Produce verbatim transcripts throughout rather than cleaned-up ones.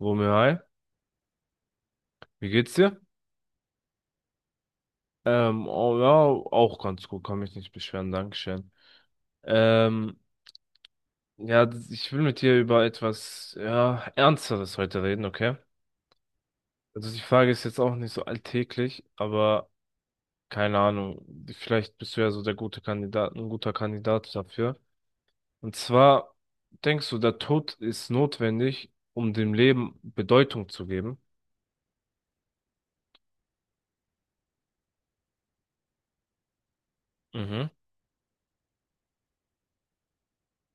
Romeo, hi, wie geht's dir? Ähm, oh, ja, auch ganz gut, kann mich nicht beschweren, Dankeschön. Ähm, ja, das- ich will mit dir über etwas, ja, Ernsteres heute reden, okay? Also die Frage ist jetzt auch nicht so alltäglich, aber keine Ahnung, vielleicht bist du ja so der gute Kandidat, ein guter Kandidat dafür. Und zwar, denkst du, der Tod ist notwendig, um dem Leben Bedeutung zu geben? Mhm.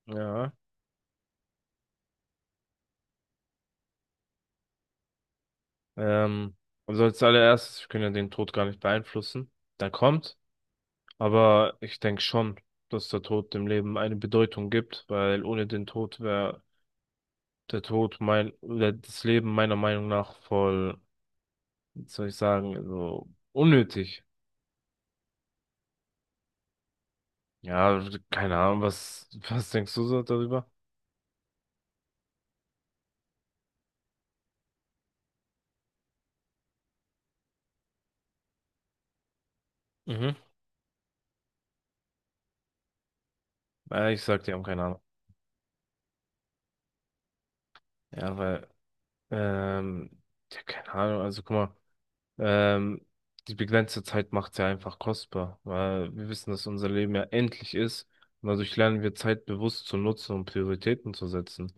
Ja. Ähm, also als allererstes, wir können ja den Tod gar nicht beeinflussen. Der kommt. Aber ich denke schon, dass der Tod dem Leben eine Bedeutung gibt, weil ohne den Tod wäre der Tod mein, oder das Leben meiner Meinung nach voll, wie soll ich sagen, also unnötig. Ja, keine Ahnung, was, was denkst du so darüber? Mhm. Äh, ich sag, die haben keine Ahnung. Ja, weil, ähm, ja, keine Ahnung, also guck mal. Ähm, die begrenzte Zeit macht ja einfach kostbar, weil wir wissen, dass unser Leben ja endlich ist. Und dadurch lernen wir Zeit bewusst zu nutzen und Prioritäten zu setzen.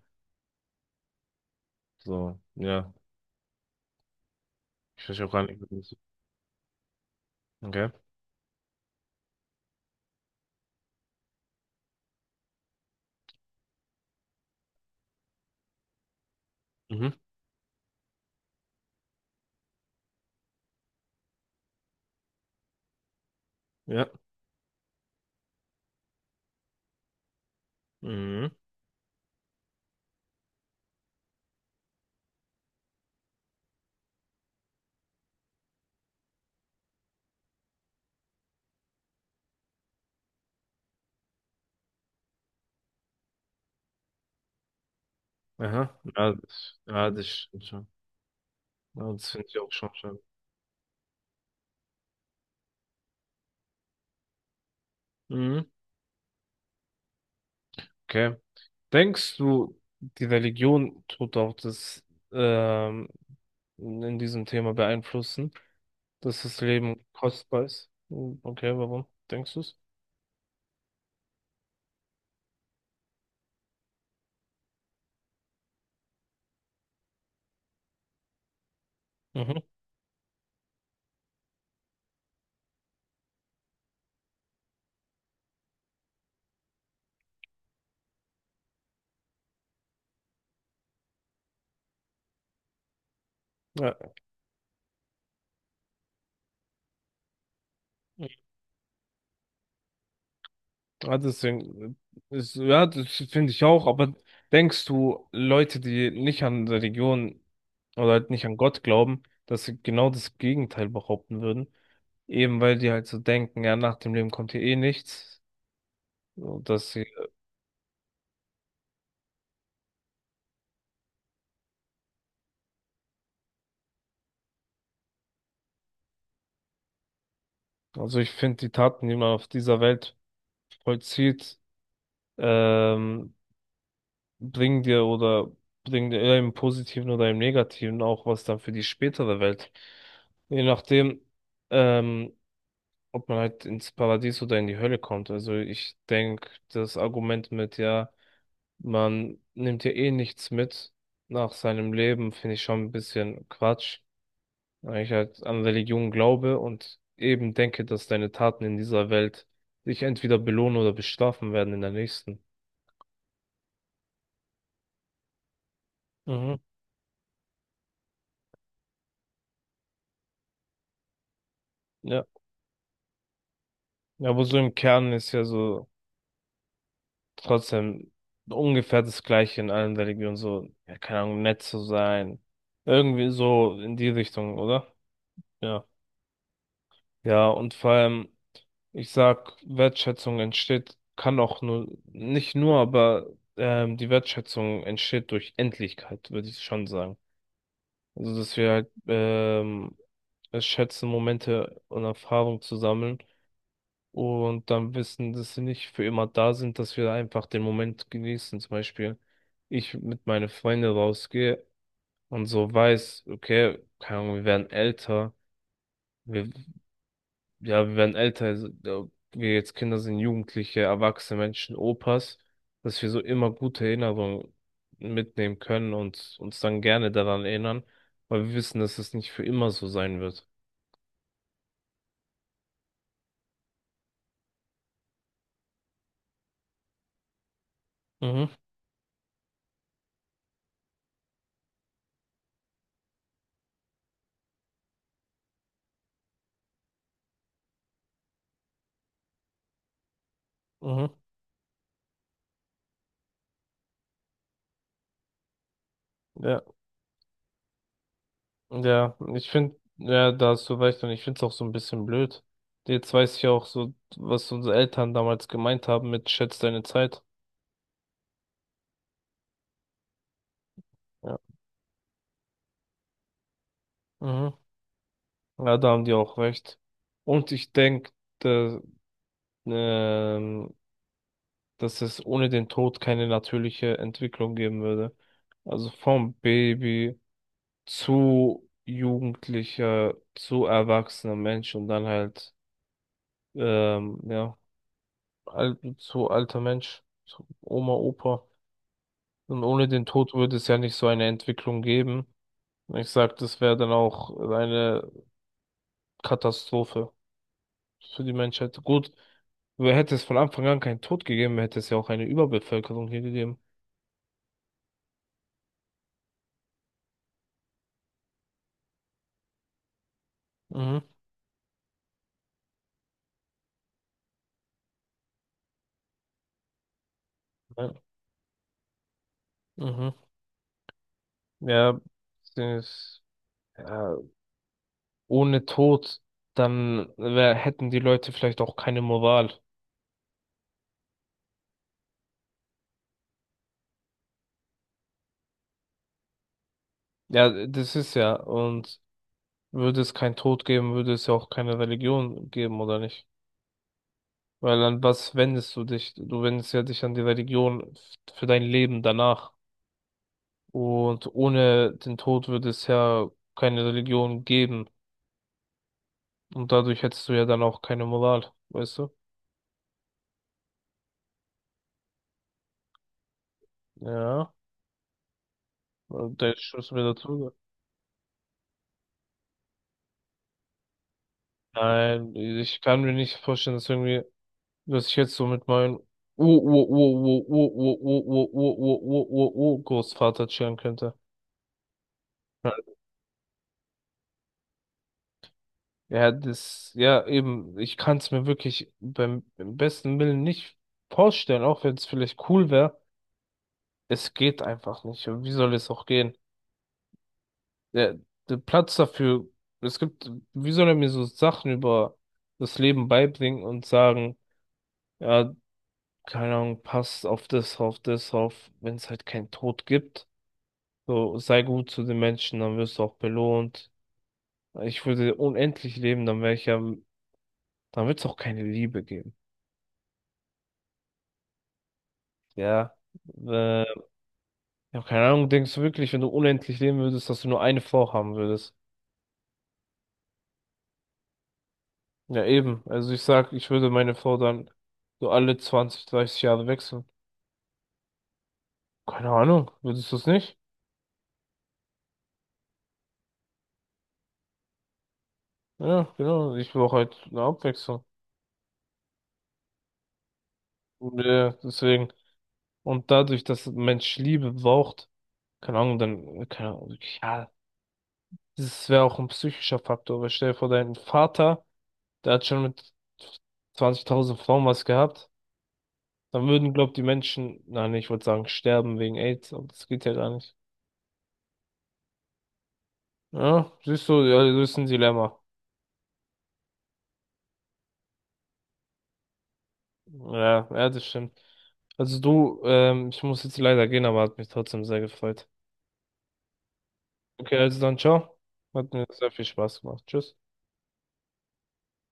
So, ja. Ich verstehe auch gar nicht, wie das- okay. Mhm. Ja. Mhm. Aha. Ja, das, ja, das stimmt schon. Ja, das finde ich auch schon schön. Mhm. Okay. Denkst du, die Religion tut auch das ähm, in diesem Thema beeinflussen? Dass das Leben kostbar ist. Hm, okay, warum denkst du es? Mhm. Ja, ja, deswegen, äh, ist, ja, das finde ich auch, aber denkst du, Leute, die nicht an Religion oder halt nicht an Gott glauben, dass sie genau das Gegenteil behaupten würden? Eben weil die halt so denken, ja, nach dem Leben kommt hier eh nichts. Und dass sie, also ich finde die Taten, die man auf dieser Welt vollzieht, ähm, bringen dir oder bringen dir eher im Positiven oder im Negativen auch was dann für die spätere Welt. Je nachdem, ähm, ob man halt ins Paradies oder in die Hölle kommt. Also ich denke, das Argument mit, ja, man nimmt ja eh nichts mit nach seinem Leben, finde ich schon ein bisschen Quatsch. Weil ich halt an Religion glaube und eben denke, dass deine Taten in dieser Welt dich entweder belohnen oder bestrafen werden in der nächsten. Mhm. Ja. Ja, aber so im Kern ist ja so trotzdem ungefähr das Gleiche in allen Religionen, so, ja, keine Ahnung, nett zu sein. Irgendwie so in die Richtung, oder? Ja. Ja, und vor allem, ich sag, Wertschätzung entsteht, kann auch nur, nicht nur, aber ähm, die Wertschätzung entsteht durch Endlichkeit, würde ich schon sagen. Also, dass wir halt ähm, es schätzen, Momente und Erfahrung zu sammeln und dann wissen, dass sie nicht für immer da sind, dass wir einfach den Moment genießen. Zum Beispiel, ich mit meinen Freunden rausgehe und so weiß, okay, keine Ahnung, wir werden älter, wir, ja, wir werden älter, also, ja, wir jetzt Kinder sind, Jugendliche, erwachsene Menschen, Opas, dass wir so immer gute Erinnerungen mitnehmen können und uns dann gerne daran erinnern, weil wir wissen, dass es nicht für immer so sein wird. Mhm, mhm, ja. Ja, ich finde, ja, da hast du recht und ich finde es auch so ein bisschen blöd. Jetzt weiß ich ja auch so, was unsere Eltern damals gemeint haben mit schätz deine Zeit. Ja. Mhm. Ja, da haben die auch recht. Und ich denke, da, ähm, dass es ohne den Tod keine natürliche Entwicklung geben würde. Also vom Baby zu Jugendlicher, zu erwachsener Mensch und dann halt, ähm, ja, al zu alter Mensch, zu Oma, Opa. Und ohne den Tod würde es ja nicht so eine Entwicklung geben. Und ich sag, das wäre dann auch eine Katastrophe für die Menschheit. Gut, hätte es von Anfang an keinen Tod gegeben, hätte es ja auch eine Überbevölkerung hier gegeben. Mhm. Ja, mhm. Ja, das, ja, ohne Tod, dann wär, hätten die Leute vielleicht auch keine Moral. Ja, das ist ja. Und würde es keinen Tod geben, würde es ja auch keine Religion geben, oder nicht? Weil an was wendest du dich? Du wendest ja dich an die Religion f- für dein Leben danach. Und ohne den Tod würde es ja keine Religion geben. Und dadurch hättest du ja dann auch keine Moral, weißt du? Ja, und der Schuss mir dazu. Nein, ich kann mir nicht vorstellen, dass irgendwie, dass ich jetzt so mit meinem Ur-Ur-Ur-Ur-Ur-Ur-Ur-Ur-Ur-Ur-Ur-Ur-Großvater chillen könnte. Ja, das, ja, eben, ich kann es mir wirklich beim, beim besten Willen nicht vorstellen, auch wenn es vielleicht cool wäre. Es geht einfach nicht. Und wie soll es auch gehen? Der, der Platz dafür, es gibt, wie soll er mir so Sachen über das Leben beibringen und sagen, ja, keine Ahnung, passt auf das, auf das, auf, wenn es halt keinen Tod gibt. So, sei gut zu den Menschen, dann wirst du auch belohnt. Ich würde unendlich leben, dann wäre ich ja, dann wird es auch keine Liebe geben. Ja. Äh, ja, keine Ahnung, denkst du wirklich, wenn du unendlich leben würdest, dass du nur eine Frau haben würdest? Ja, eben. Also ich sag, ich würde meine Frau dann so alle zwanzig, dreißig Jahre wechseln. Keine Ahnung, würdest du es nicht? Ja, genau. Ich brauche halt eine Abwechslung. Und, äh, deswegen. Und dadurch, dass ein Mensch Liebe braucht, keine Ahnung, dann, keine Ahnung, ja, das wäre auch ein psychischer Faktor. Weil stell dir vor, dein Vater, der hat schon mit zwanzigtausend Frauen was gehabt. Dann würden, glaub, die Menschen, nein ich wollte sagen, sterben wegen AIDS, aber das geht ja gar nicht. Ja, siehst du, ja, das ist ein Dilemma. Ja, ja, das stimmt. Also du, ähm, ich muss jetzt leider gehen, aber hat mich trotzdem sehr gefreut. Okay, also dann ciao. Hat mir sehr viel Spaß gemacht. Tschüss.